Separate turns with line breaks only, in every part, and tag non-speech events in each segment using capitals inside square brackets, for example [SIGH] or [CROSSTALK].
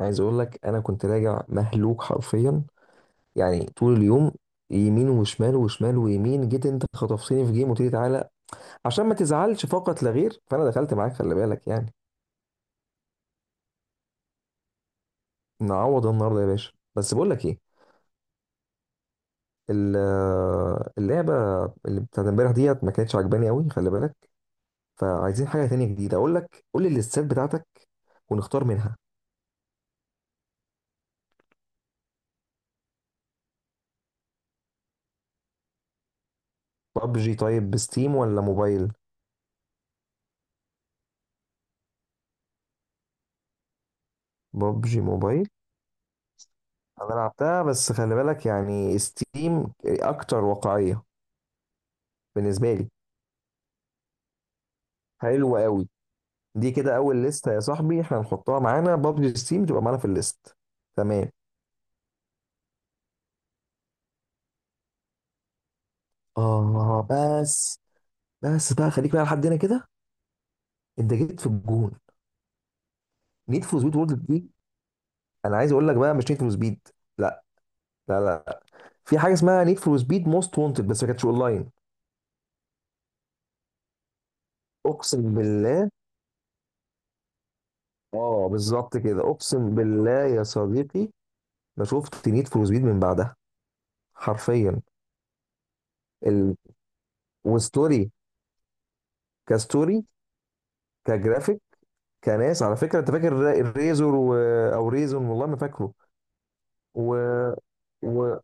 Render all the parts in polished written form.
عايز اقول لك انا كنت راجع مهلوك حرفيا، يعني طول اليوم. يمين وشمال وشمال ويمين، جيت انت خطفتني في جيم وتيجي تعالى عشان ما تزعلش فقط لا غير، فانا دخلت معاك، خلي بالك يعني. نعوض النهارده يا باشا. بس بقول لك ايه، اللعبه اللي بتاعت امبارح ديت ما كانتش عجباني قوي، خلي بالك. فعايزين حاجه تانية جديده، اقول لك قول لي الليستات بتاعتك ونختار منها. بابجي، طيب، بستيم ولا موبايل؟ بابجي موبايل انا لعبتها، بس خلي بالك، يعني ستيم اكتر واقعيه بالنسبه لي، حلو قوي. دي كده اول ليست يا صاحبي، احنا هنحطها معانا، بابجي ستيم تبقى معانا في الليست. تمام، اه. بس بقى خليك بقى لحد هنا كده، انت جيت في الجون. نيد فور سبيد وورلد دي، انا عايز اقول لك بقى مش نيد فور سبيد، لا، لا لا. في حاجه اسمها نيد فور سبيد موست وونتد، بس ما كانتش اونلاين. اقسم بالله، اه، بالظبط كده، اقسم بالله. يا صديقي، ما شفت نيد فور سبيد من بعدها، حرفيا. ال... وستوري، كستوري، كجرافيك، كناس. على فكره، انت فاكر الريزور او ريزون؟ والله ما فاكره. و... و...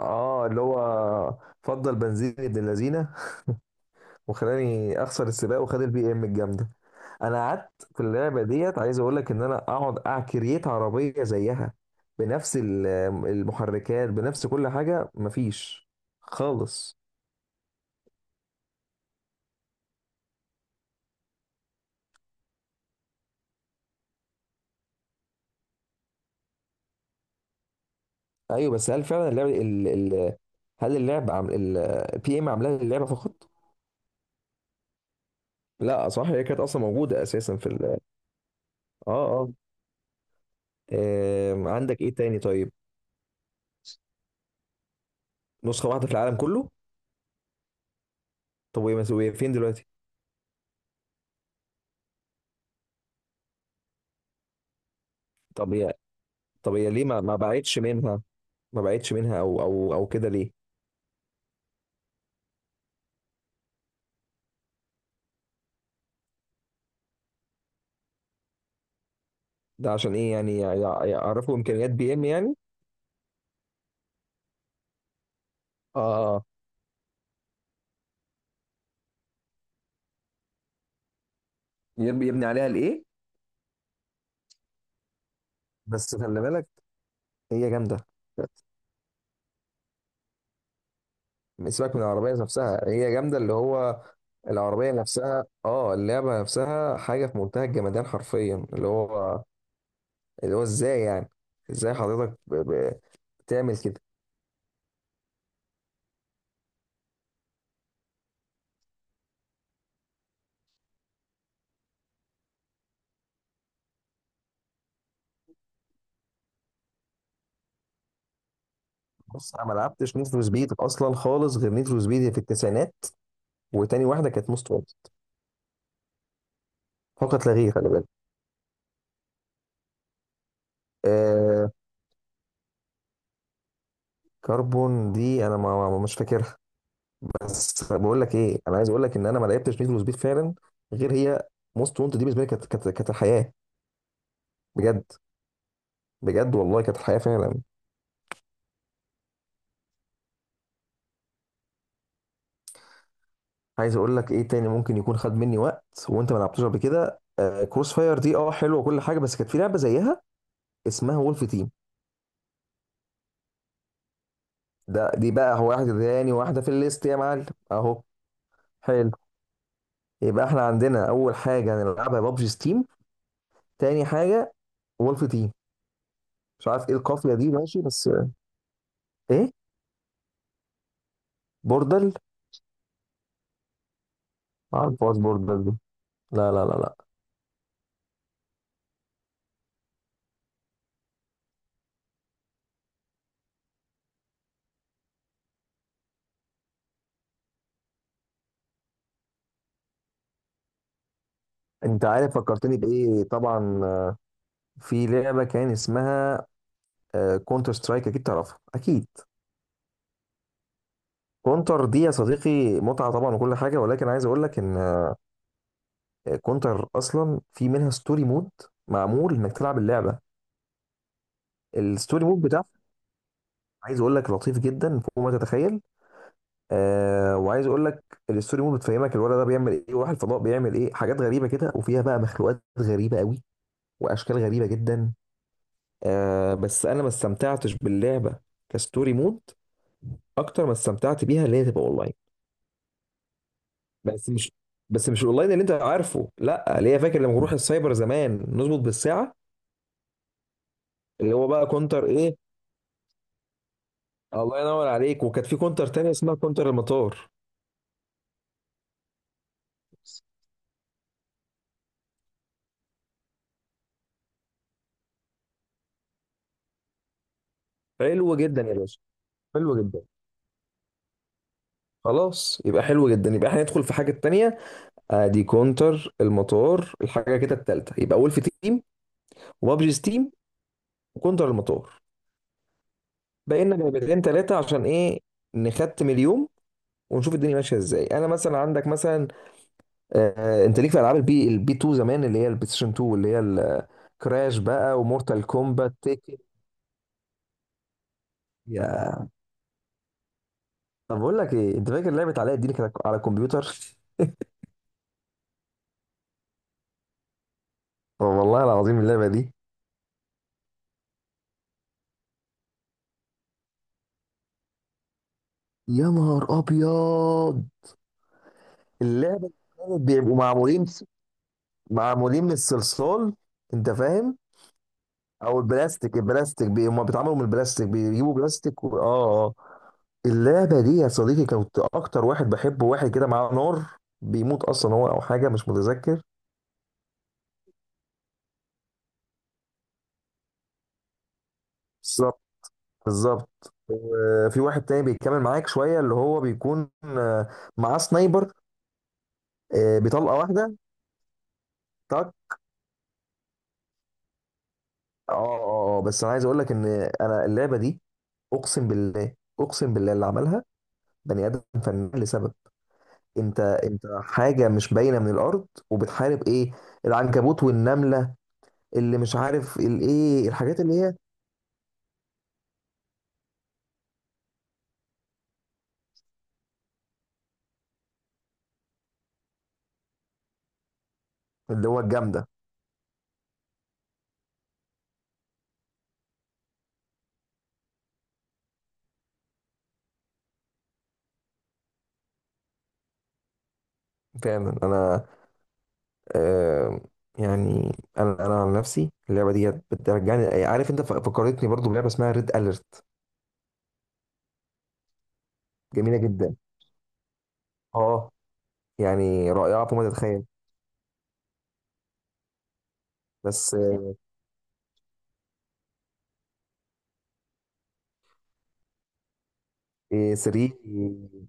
اه، اللي هو فضل بنزين ابن اللذينه وخلاني اخسر السباق وخد البي ام الجامده. انا قعدت في اللعبه ديت، عايز اقول لك ان انا اقعد اعكريت عربيه زيها بنفس المحركات، بنفس كل حاجه، مفيش. خالص ايوه، بس هل فعلا اللعبه هل اللعبه البي ام عاملاها للعبه فقط؟ لا، صح، هي كانت اصلا موجوده اساسا في اه. آه. عندك ايه تاني طيب؟ نسخة واحدة في العالم كله. طب وهي فين دلوقتي؟ طب هي طب هي ليه ما بعتش منها؟ ما بعتش منها او كده ليه؟ ده عشان ايه يعني، يعرفوا امكانيات بي ام يعني؟ اه. آه. يبني عليها الايه؟ بس خلي بالك، هي جامدة. سيبك من العربية نفسها، هي جامدة اللي هو. العربية نفسها، اه، اللعبة نفسها حاجة في منتهى الجمدان حرفيا، اللي هو، اللي هو ازاي يعني؟ ازاي حضرتك بتعمل كده؟ بص، انا ما لعبتش نيد فور سبيد اصلا خالص غير نيد فور سبيد في التسعينات، وتاني واحده كانت موست وانتد، فقط لا غير، خلي بالك. آه، كاربون دي انا مش فاكرها. بس بقول لك ايه، انا عايز اقول لك ان انا ما لعبتش نيد فور سبيد فعلا غير هي. موست وانتد دي بالنسبه لي كانت، كانت الحياه. بجد، بجد والله، كانت الحياه فعلا. عايز اقول لك ايه تاني ممكن يكون خد مني وقت وانت ما لعبتوش قبل كده؟ آه، كروس فاير دي اه حلوه وكل حاجه، بس كانت في لعبه زيها اسمها وولف تيم. دي بقى هو واحده تاني، واحده في الليست يا معلم، اهو. حلو، يبقى احنا عندنا اول حاجه هنلعبها بابجي ستيم، تاني حاجه وولف تيم. مش عارف ايه القافيه دي ماشي، بس. ايه، بوردل؟ عارفاش بوردل دي، لا لا لا لا. انت عارف فكرتني بايه طبعا؟ في لعبه كان اسمها كونتر سترايك، اكيد تعرفها اكيد. كونتر دي يا صديقي متعه طبعا وكل حاجه، ولكن عايز اقول لك ان كونتر اصلا في منها ستوري مود، معمول انك تلعب اللعبه. الستوري مود بتاعها، عايز اقول لك، لطيف جدا فوق ما تتخيل. آه، وعايز اقول لك الستوري مود بتفهمك الولد ده بيعمل ايه، وراح الفضاء بيعمل ايه، حاجات غريبه كده، وفيها بقى مخلوقات غريبه قوي واشكال غريبه جدا. آه، بس انا ما استمتعتش باللعبه كستوري مود اكتر ما استمتعت بيها اللي هي تبقى اونلاين. بس مش بس مش الاونلاين اللي انت عارفه، لا، اللي هي فاكر لما نروح السايبر زمان نظبط بالساعه، اللي هو بقى كونتر ايه. الله ينور عليك. وكانت في كونتر تانية اسمها كونتر المطار. حلو جدا يا باشا، حلو جدا. خلاص، يبقى حلو جدا، يبقى احنا ندخل في حاجه تانية. ادي كونتر المطار الحاجه كده التالته، يبقى ولف تيم وبابجي ستيم وكونتر المطار. بقينا جايبتين تلاته، عشان ايه؟ نختم اليوم ونشوف الدنيا ماشيه ازاي. انا مثلا، عندك مثلا، آه، انت ليك في العاب البي 2 زمان، اللي هي البلاي ستيشن 2، اللي هي كراش بقى ومورتال كومبات تيكن. يا، طب بقول لك ايه، انت فاكر لعبه علاء الدين كانت على الكمبيوتر؟ [LAUGHS] والله العظيم اللعبه دي، يا نهار ابيض. اللعبه كانت بيبقوا معمولين من الصلصال، انت فاهم، او البلاستيك هم بيتعملوا من البلاستيك، بيجيبوا بلاستيك اه، اه. اللعبه دي يا صديقي، كنت اكتر واحد بحبه، واحد كده معاه نار، بيموت اصلا هو او حاجه، مش متذكر. بالظبط، بالظبط، وفي واحد تاني بيتكلم معاك شويه، اللي هو بيكون معاه سنايبر. آه، بطلقه واحده، تك. اه، اه، آه. بس انا عايز اقول لك ان انا اللعبه دي، اقسم بالله، اقسم بالله، اللي عملها بني ادم فنان لسبب. انت حاجه مش باينه من الارض، وبتحارب ايه؟ العنكبوت والنمله اللي مش عارف الايه، الحاجات اللي هي اللي هو الجامده. فعلا، انا، آه، يعني، انا عن نفسي اللعبه دي بترجعني. عارف، انت فكرتني برضو بلعبه اسمها ريد اليرت، جميله جدا، اه، يعني رائعه فوق ما تتخيل. بس إيه، 3.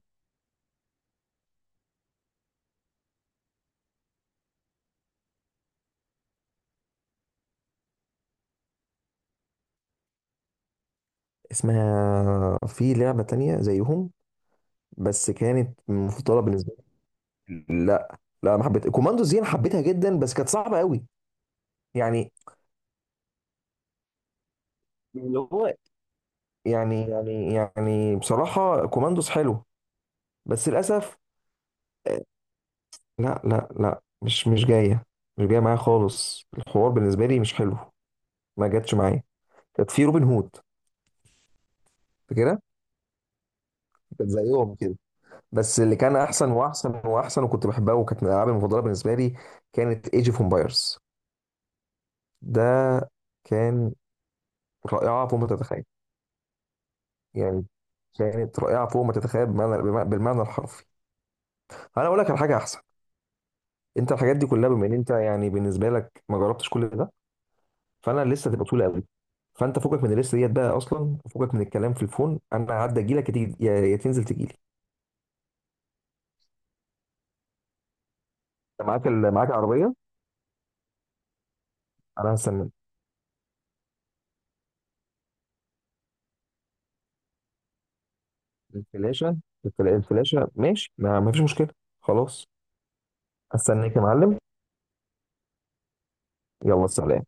اسمها في لعبه تانية زيهم بس كانت مفضله بالنسبه لي. لا لا، ما حبيت كوماندو زي، انا حبيتها جدا بس كانت صعبه قوي. يعني اللي هو، يعني بصراحه كوماندوز حلو، بس للاسف. آه، لا لا لا، مش جايه، مش جايه معايا خالص. الحوار بالنسبه لي مش حلو، ما جاتش معايا. كانت في روبن هود كده، كانت زيهم كده، بس اللي كان احسن واحسن واحسن، وكنت بحبها وكانت من الالعاب المفضله بالنسبه لي، كانت ايج اوف امبايرز. ده كان رائعه فوق ما تتخيل، يعني كانت رائعه فوق ما تتخيل بمعنى، بالمعنى الحرفي. انا اقول لك على حاجه احسن؟ انت الحاجات دي كلها بما ان انت يعني بالنسبه لك ما جربتش كل ده، فانا لسه هتبقى طويله قوي. فانت فوقك من اللسه ديت بقى، اصلا فوقك من الكلام في الفون. انا هعدي اجي لك، تيجي يا تنزل تجي لي؟ انت معاك معاك عربيه؟ انا هستنى الفلاشه، الفلاشه ماشي، ما فيش مشكله. خلاص، استناك يا معلم. يلا سلام.